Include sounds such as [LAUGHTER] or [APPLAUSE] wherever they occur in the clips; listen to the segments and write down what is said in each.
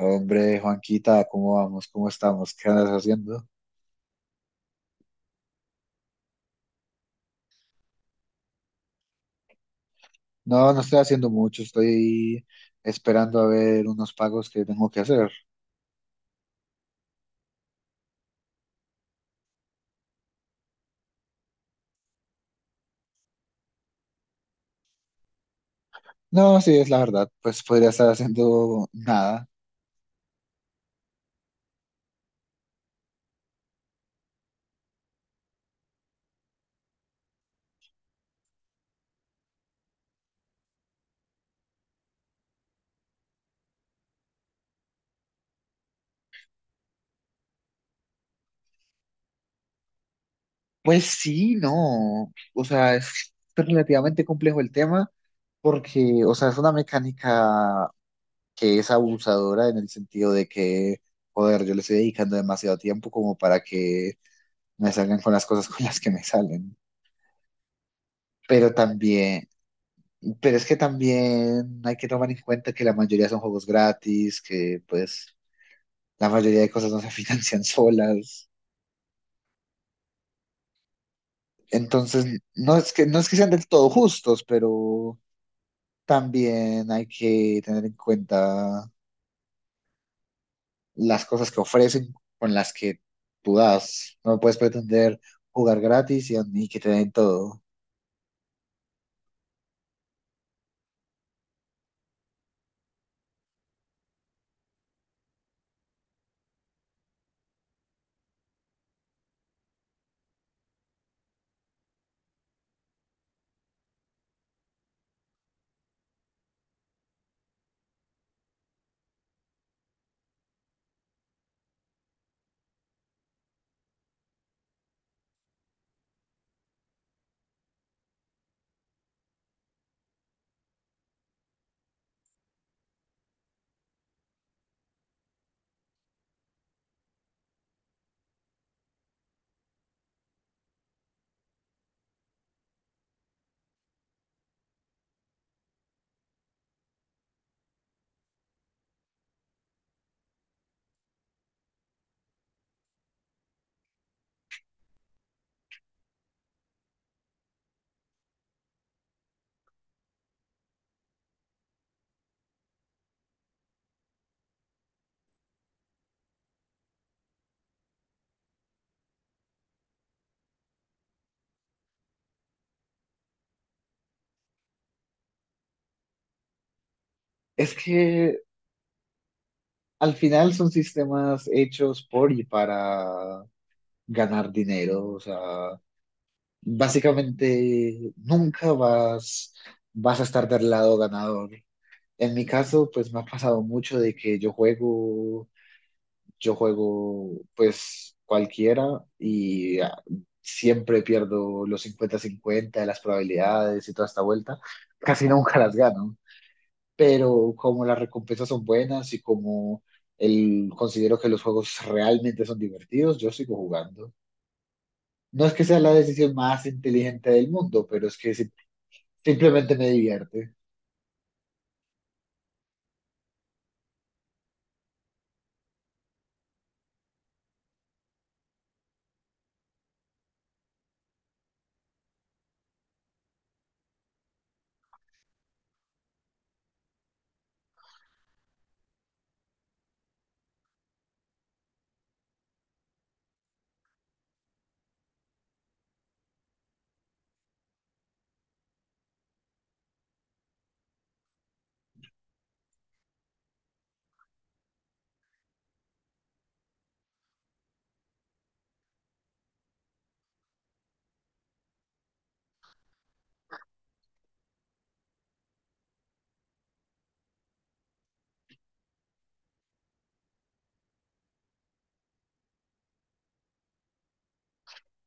Hombre, Juanquita, ¿cómo vamos? ¿Cómo estamos? ¿Qué andas haciendo? No, no estoy haciendo mucho, estoy esperando a ver unos pagos que tengo que hacer. No, sí, es la verdad, pues podría estar haciendo nada. Pues sí, no, o sea, es relativamente complejo el tema porque, o sea, es una mecánica que es abusadora en el sentido de que, joder, yo le estoy dedicando demasiado tiempo como para que me salgan con las cosas con las que me salen. Pero también. Pero es que también hay que tomar en cuenta que la mayoría son juegos gratis, que pues la mayoría de cosas no se [LAUGHS] financian solas. Entonces, no es que sean del todo justos, pero también hay que tener en cuenta las cosas que ofrecen con las que tú das. No puedes pretender jugar gratis y que te den todo. Es que al final son sistemas hechos por y para ganar dinero, o sea, básicamente nunca vas, vas a estar del lado ganador. En mi caso, pues me ha pasado mucho de que yo juego pues cualquiera y siempre pierdo los 50/50 de las probabilidades y toda esta vuelta. Casi nunca las gano, pero como las recompensas son buenas y como considero que los juegos realmente son divertidos, yo sigo jugando. No es que sea la decisión más inteligente del mundo, pero es que si. Simplemente me divierte.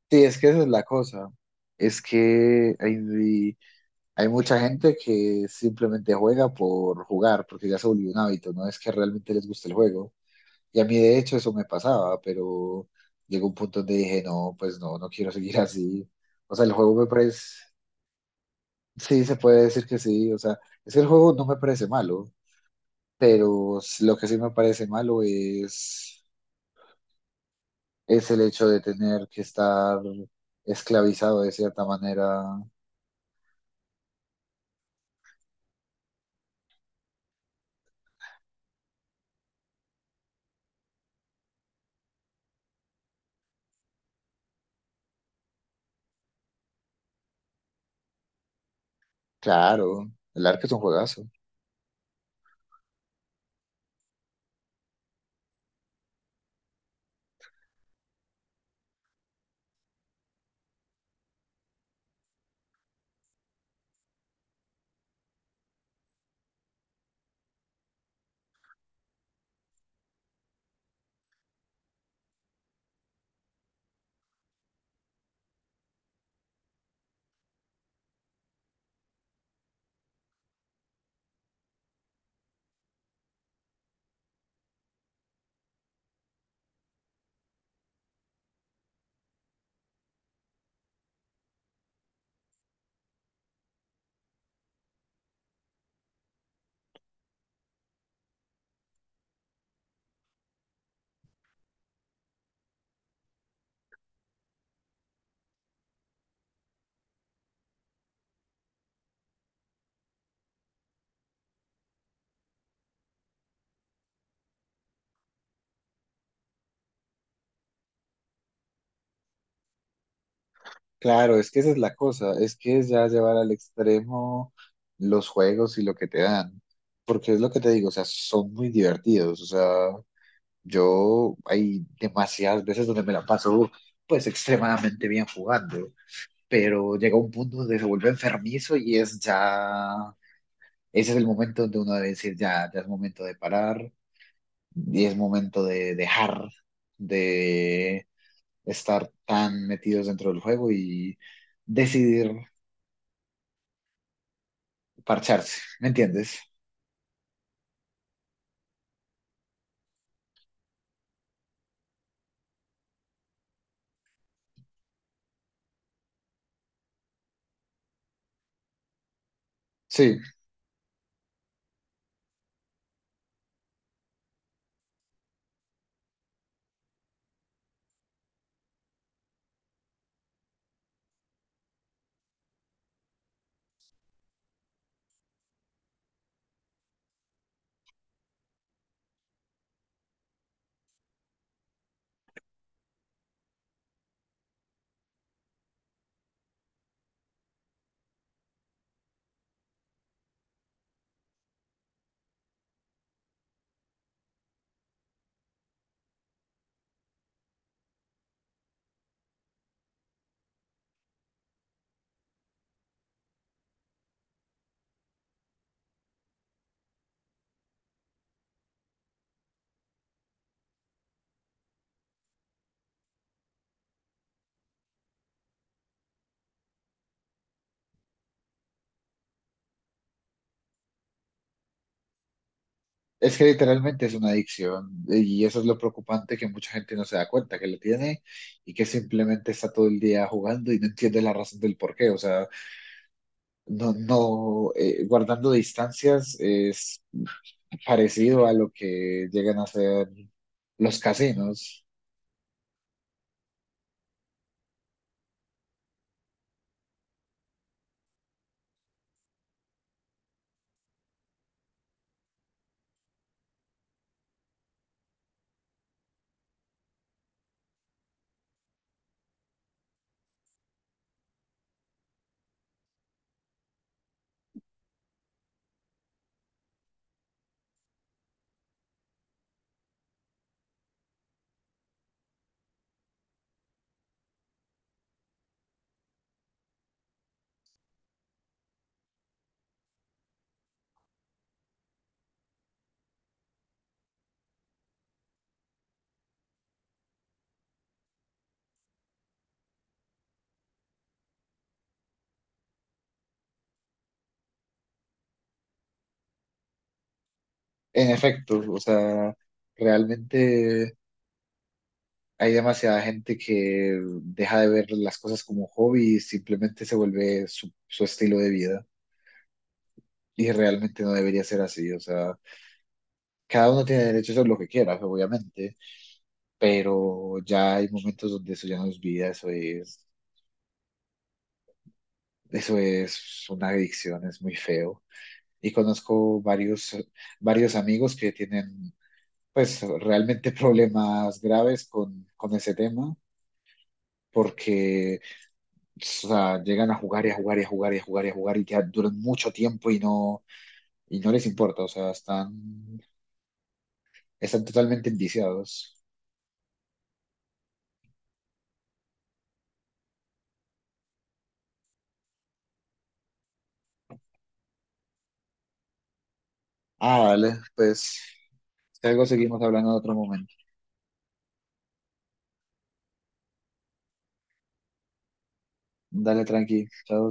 Sí, es que esa es la cosa. Es que hay mucha gente que simplemente juega por jugar, porque ya se volvió un hábito, no es que realmente les guste el juego. Y a mí, de hecho, eso me pasaba, pero llegó un punto donde dije, no, pues no, no quiero seguir así. O sea, el juego me parece, sí, se puede decir que sí, o sea, es que el juego no me parece malo, pero lo que sí me parece malo es el hecho de tener que estar esclavizado de cierta manera. Claro, el arco es un juegazo. Claro, es que esa es la cosa, es que es ya llevar al extremo los juegos y lo que te dan, porque es lo que te digo, o sea, son muy divertidos, o sea, yo hay demasiadas veces donde me la paso pues extremadamente bien jugando, pero llega un punto donde se vuelve enfermizo y es ya, ese es el momento donde uno debe decir ya, ya es momento de parar y es momento de dejar de estar tan metidos dentro del juego y decidir parcharse, ¿me entiendes? Sí, es que literalmente es una adicción y eso es lo preocupante que mucha gente no se da cuenta que lo tiene y que simplemente está todo el día jugando y no entiende la razón del por qué. O sea, no, no, guardando distancias es parecido a lo que llegan a hacer los casinos. En efecto, o sea, realmente hay demasiada gente que deja de ver las cosas como hobby y simplemente se vuelve su estilo de vida. Y realmente no debería ser así, o sea, cada uno tiene derecho a hacer lo que quiera, obviamente, pero ya hay momentos donde eso ya no es vida, eso es una adicción, es muy feo. Y conozco varios, varios amigos que tienen, pues, realmente problemas graves con ese tema, porque. O sea, llegan a jugar y a jugar y a jugar y a jugar y a jugar y que duran mucho tiempo y no les importa, o sea, están totalmente enviciados. Ah, dale, pues, si algo seguimos hablando en otro momento. Dale, tranqui, chao.